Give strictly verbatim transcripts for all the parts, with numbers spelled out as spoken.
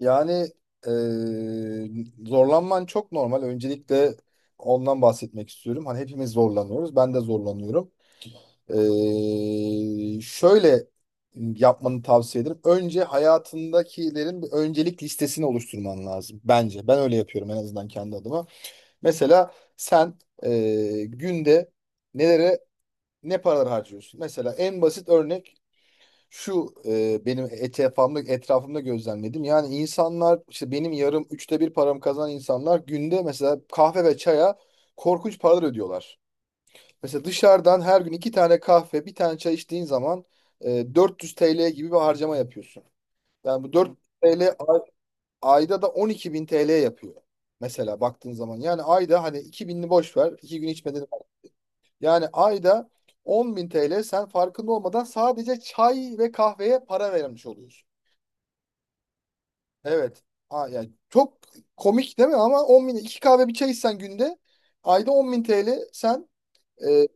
Yani eee, zorlanman çok normal. Öncelikle ondan bahsetmek istiyorum. Hani hepimiz zorlanıyoruz. Ben de zorlanıyorum. Eee, şöyle yapmanı tavsiye ederim. Önce hayatındakilerin bir öncelik listesini oluşturman lazım. Bence. Ben öyle yapıyorum en azından kendi adıma. Mesela sen eee, günde nelere ne paralar harcıyorsun? Mesela en basit örnek şu e, benim etrafımda, etrafımda gözlemledim. Yani insanlar işte benim yarım üçte bir paramı kazanan insanlar günde mesela kahve ve çaya korkunç paralar ödüyorlar. Mesela dışarıdan her gün iki tane kahve bir tane çay içtiğin zaman e, dört yüz T L gibi bir harcama yapıyorsun. Yani bu dört yüz T L ay- ayda da on iki bin T L yapıyor. Mesela baktığın zaman yani ayda hani iki bininin boş ver iki gün içmeden yani ayda on bin T L sen farkında olmadan sadece çay ve kahveye para vermiş oluyorsun. Evet. Aa, yani çok komik değil mi? Ama on bin, iki kahve bir çay içsen günde ayda on bin T L sen e,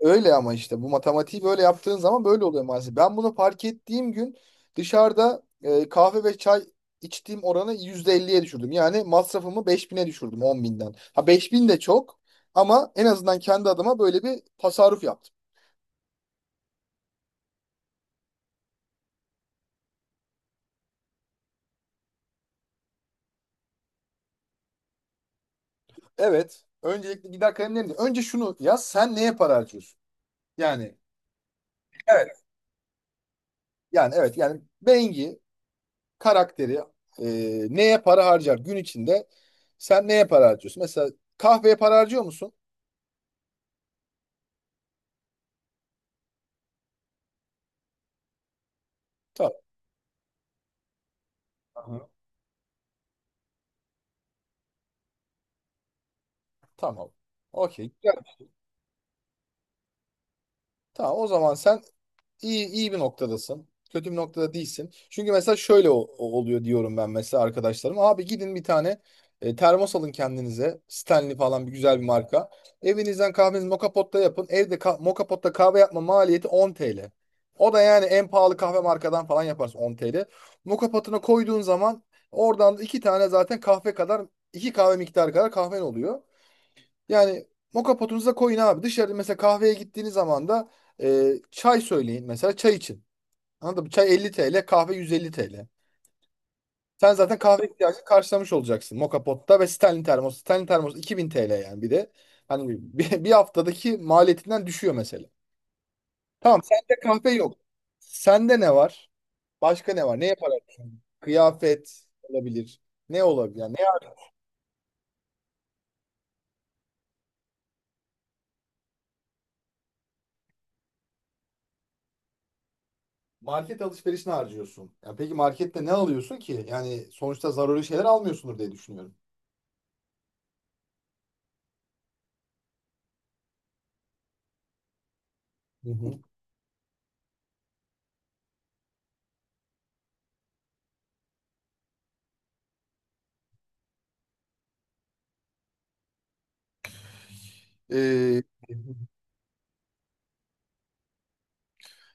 öyle ama işte bu matematiği böyle yaptığın zaman böyle oluyor maalesef. Ben bunu fark ettiğim gün dışarıda e, kahve ve çay içtiğim oranı yüzde elliye düşürdüm. Yani masrafımı beş bin'e düşürdüm on binden. Ha beş bin de çok ama en azından kendi adıma böyle bir tasarruf yaptım. Evet. Öncelikle gider kalemlerim. Önce şunu yaz. Sen neye para harcıyorsun? Yani. Evet. Yani evet yani Bengi karakteri e, neye para harcar gün içinde sen neye para harcıyorsun? Mesela kahveye para harcıyor musun? Tamam. Aha. Tamam. Okey. Güzel. Tamam o zaman sen İyi iyi bir noktadasın. Kötü bir noktada değilsin. Çünkü mesela şöyle o- o- oluyor diyorum ben mesela arkadaşlarım. Abi gidin bir tane e, termos alın kendinize. Stanley falan bir güzel bir marka. Evinizden kahvenizi moka potta yapın. Evde ka moka potta kahve yapma maliyeti on T L. O da yani en pahalı kahve markadan falan yaparsın on T L. Moka potuna koyduğun zaman oradan da iki tane zaten kahve kadar iki kahve miktarı kadar kahven oluyor. Yani moka potunuza koyun abi. Dışarı mesela kahveye gittiğiniz zaman da e, çay söyleyin mesela çay için. Anladın mı? Çay elli T L, kahve yüz elli T L. Sen zaten kahve ihtiyacını karşılamış olacaksın moka potta ve Stanley termos. Stanley termos iki bin T L yani bir de. Hani bir, bir haftadaki maliyetinden düşüyor mesela. Tamam sende kahve yok. Sende ne var? Başka ne var? Ne yaparak? Kıyafet olabilir. Ne olabilir? Yani market alışverişine harcıyorsun. Ya peki markette ne alıyorsun ki? Yani sonuçta zaruri şeyler almıyorsundur diye düşünüyorum. Hı hı. Ee,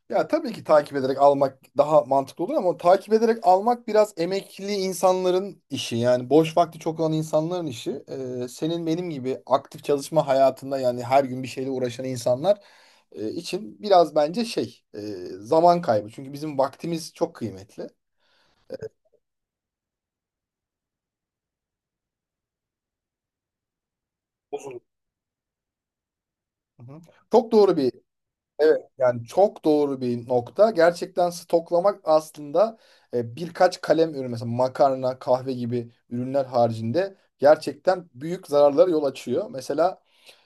ya tabii ki takip ederek almak daha mantıklı olur ama takip ederek almak biraz emekli insanların işi. Yani boş vakti çok olan insanların işi. Ee, senin benim gibi aktif çalışma hayatında yani her gün bir şeyle uğraşan insanlar e, için biraz bence şey e, zaman kaybı. Çünkü bizim vaktimiz çok kıymetli. Uzun. Hı hı. Çok doğru bir Evet, yani çok doğru bir nokta. Gerçekten stoklamak aslında e, birkaç kalem ürün mesela makarna, kahve gibi ürünler haricinde gerçekten büyük zararlara yol açıyor. Mesela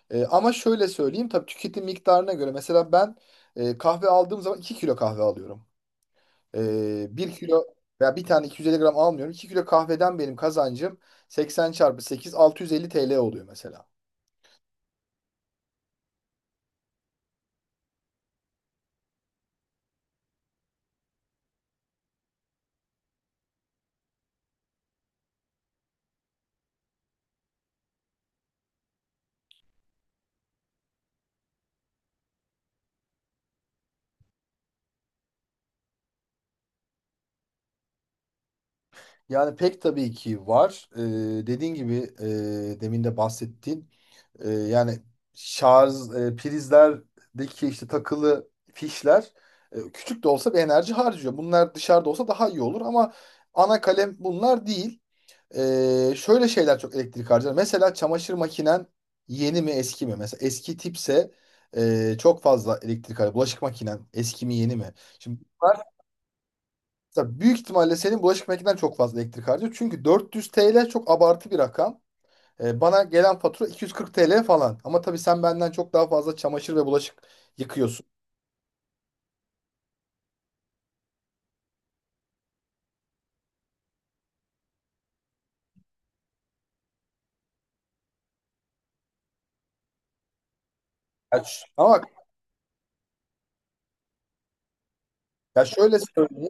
e, ama şöyle söyleyeyim tabii tüketim miktarına göre mesela ben e, kahve aldığım zaman iki kilo kahve alıyorum. E, bir kilo veya bir tane iki yüz elli gram almıyorum. iki kilo kahveden benim kazancım seksen çarpı sekiz bin altı yüz elli T L oluyor mesela. Yani pek tabii ki var. E, dediğin gibi e, demin de bahsettiğin E, yani şarj e, prizlerdeki işte takılı fişler e, küçük de olsa bir enerji harcıyor. Bunlar dışarıda olsa daha iyi olur ama ana kalem bunlar değil. E, şöyle şeyler çok elektrik harcar. Mesela çamaşır makinen yeni mi eski mi? Mesela eski tipse e, çok fazla elektrik harcar. Bulaşık makinen eski mi yeni mi? Şimdi bunlar mesela büyük ihtimalle senin bulaşık makinen çok fazla elektrik harcıyor. Çünkü dört yüz T L çok abartı bir rakam. E, bana gelen fatura iki yüz kırk T L falan. Ama tabii sen benden çok daha fazla çamaşır ve bulaşık yıkıyorsun. Ya ş- ama bak, ya şöyle söyleyeyim,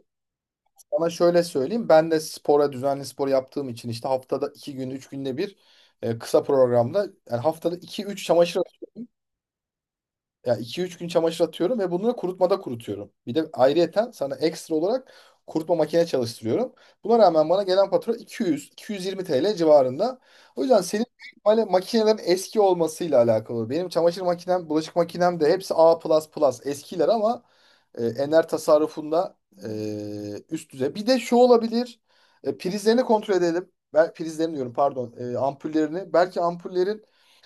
sana şöyle söyleyeyim. Ben de spora, düzenli spor yaptığım için işte haftada iki gün, üç günde bir e, kısa programda yani haftada iki, üç çamaşır ya iki üç gün çamaşır atıyorum ve bunları kurutmada kurutuyorum. Bir de ayrıyeten sana ekstra olarak kurutma makine çalıştırıyorum. Buna rağmen bana gelen fatura iki yüz iki yüz yirmi T L civarında. O yüzden senin büyük ihtimalle makinelerin eski olmasıyla alakalı. Benim çamaşır makinem, bulaşık makinem de hepsi A++ eskiler ama e, ener tasarrufunda e, üst düzey. Bir de şu olabilir. E, prizlerini kontrol edelim. Ben prizlerini diyorum pardon. E, ampullerini. Belki ampullerin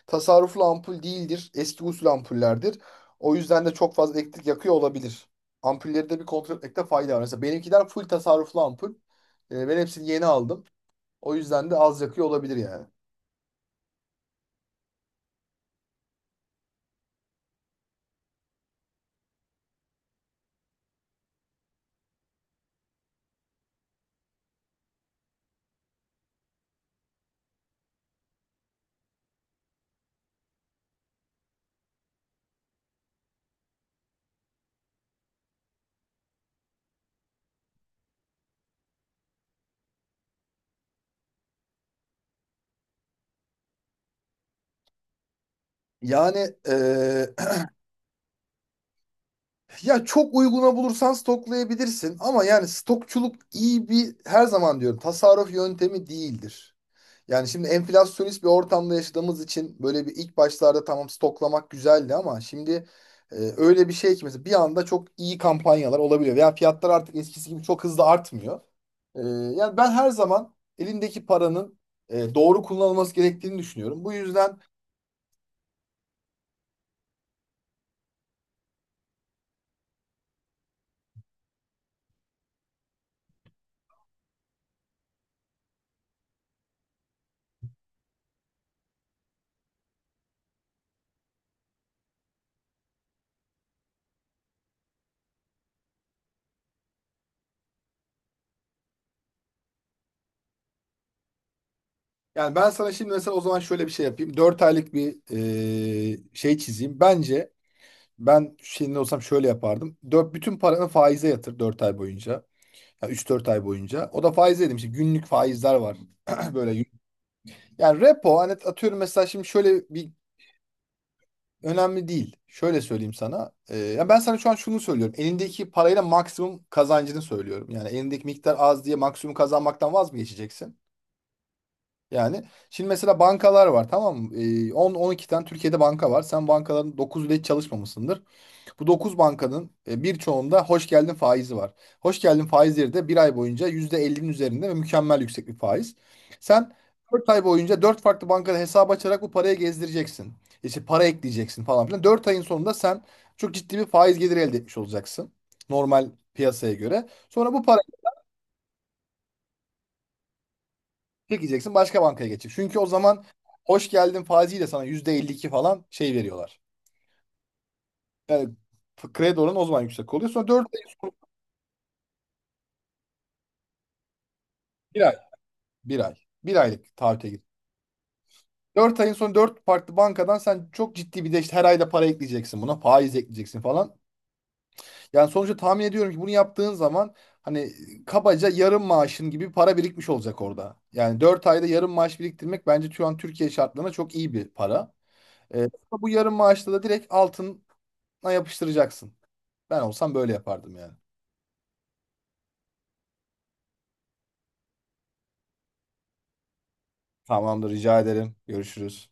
tasarruflu ampul değildir. Eski usul ampullerdir. O yüzden de çok fazla elektrik yakıyor olabilir. Ampulleri de bir kontrol etmekte fayda var. Mesela benimkiler full tasarruflu ampul. E, ben hepsini yeni aldım. O yüzden de az yakıyor olabilir yani. Yani e, ya çok uyguna bulursan stoklayabilirsin ama yani stokçuluk iyi bir her zaman diyorum tasarruf yöntemi değildir. Yani şimdi enflasyonist bir ortamda yaşadığımız için böyle bir ilk başlarda tamam stoklamak güzeldi ama şimdi e, öyle bir şey ki mesela bir anda çok iyi kampanyalar olabiliyor. Veya fiyatlar artık eskisi gibi çok hızlı artmıyor. E, yani ben her zaman elindeki paranın e, doğru kullanılması gerektiğini düşünüyorum. Bu yüzden Yani ben sana şimdi mesela o zaman şöyle bir şey yapayım. Dört aylık bir e, şey çizeyim. Bence ben senin olsam şöyle yapardım. Dört, bütün paranı faize yatır dört ay boyunca. Yani üç dört ay boyunca. O da faize dedim. İşte günlük faizler var. Böyle. Yani repo hani atıyorum mesela şimdi şöyle bir önemli değil. Şöyle söyleyeyim sana. E, ya ben sana şu an şunu söylüyorum. Elindeki parayla maksimum kazancını söylüyorum. Yani elindeki miktar az diye maksimum kazanmaktan vaz mı geçeceksin? Yani şimdi mesela bankalar var tamam mı? Ee, on on iki tane Türkiye'de banka var. Sen bankaların dokuzu hiç çalışmamışsındır. Bu dokuz bankanın e, birçoğunda hoş geldin faizi var. Hoş geldin faizleri de bir ay boyunca yüzde ellinin üzerinde ve mükemmel yüksek bir faiz. Sen dört ay boyunca dört farklı bankada hesap açarak bu parayı gezdireceksin. İşte para ekleyeceksin falan filan. Dört ayın sonunda sen çok ciddi bir faiz geliri elde etmiş olacaksın. Normal piyasaya göre. Sonra bu Çekeceksin başka bankaya geçecek. Çünkü o zaman hoş geldin faiziyle sana yüzde elli iki falan şey veriyorlar. Yani f- kredi oranı o zaman yüksek oluyor. Sonra dört ayın sonra bir ay. Bir ay. Bir aylık taahhüte gir. Dört ayın sonra dört farklı bankadan sen çok ciddi bir de işte her ayda para ekleyeceksin buna. Faiz ekleyeceksin falan. Yani sonuçta tahmin ediyorum ki bunu yaptığın zaman hani kabaca yarım maaşın gibi bir para birikmiş olacak orada. Yani dört ayda yarım maaş biriktirmek bence şu an Türkiye şartlarına çok iyi bir para. Ee, bu yarım maaşla da direkt altına yapıştıracaksın. Ben olsam böyle yapardım yani. Tamamdır rica ederim. Görüşürüz.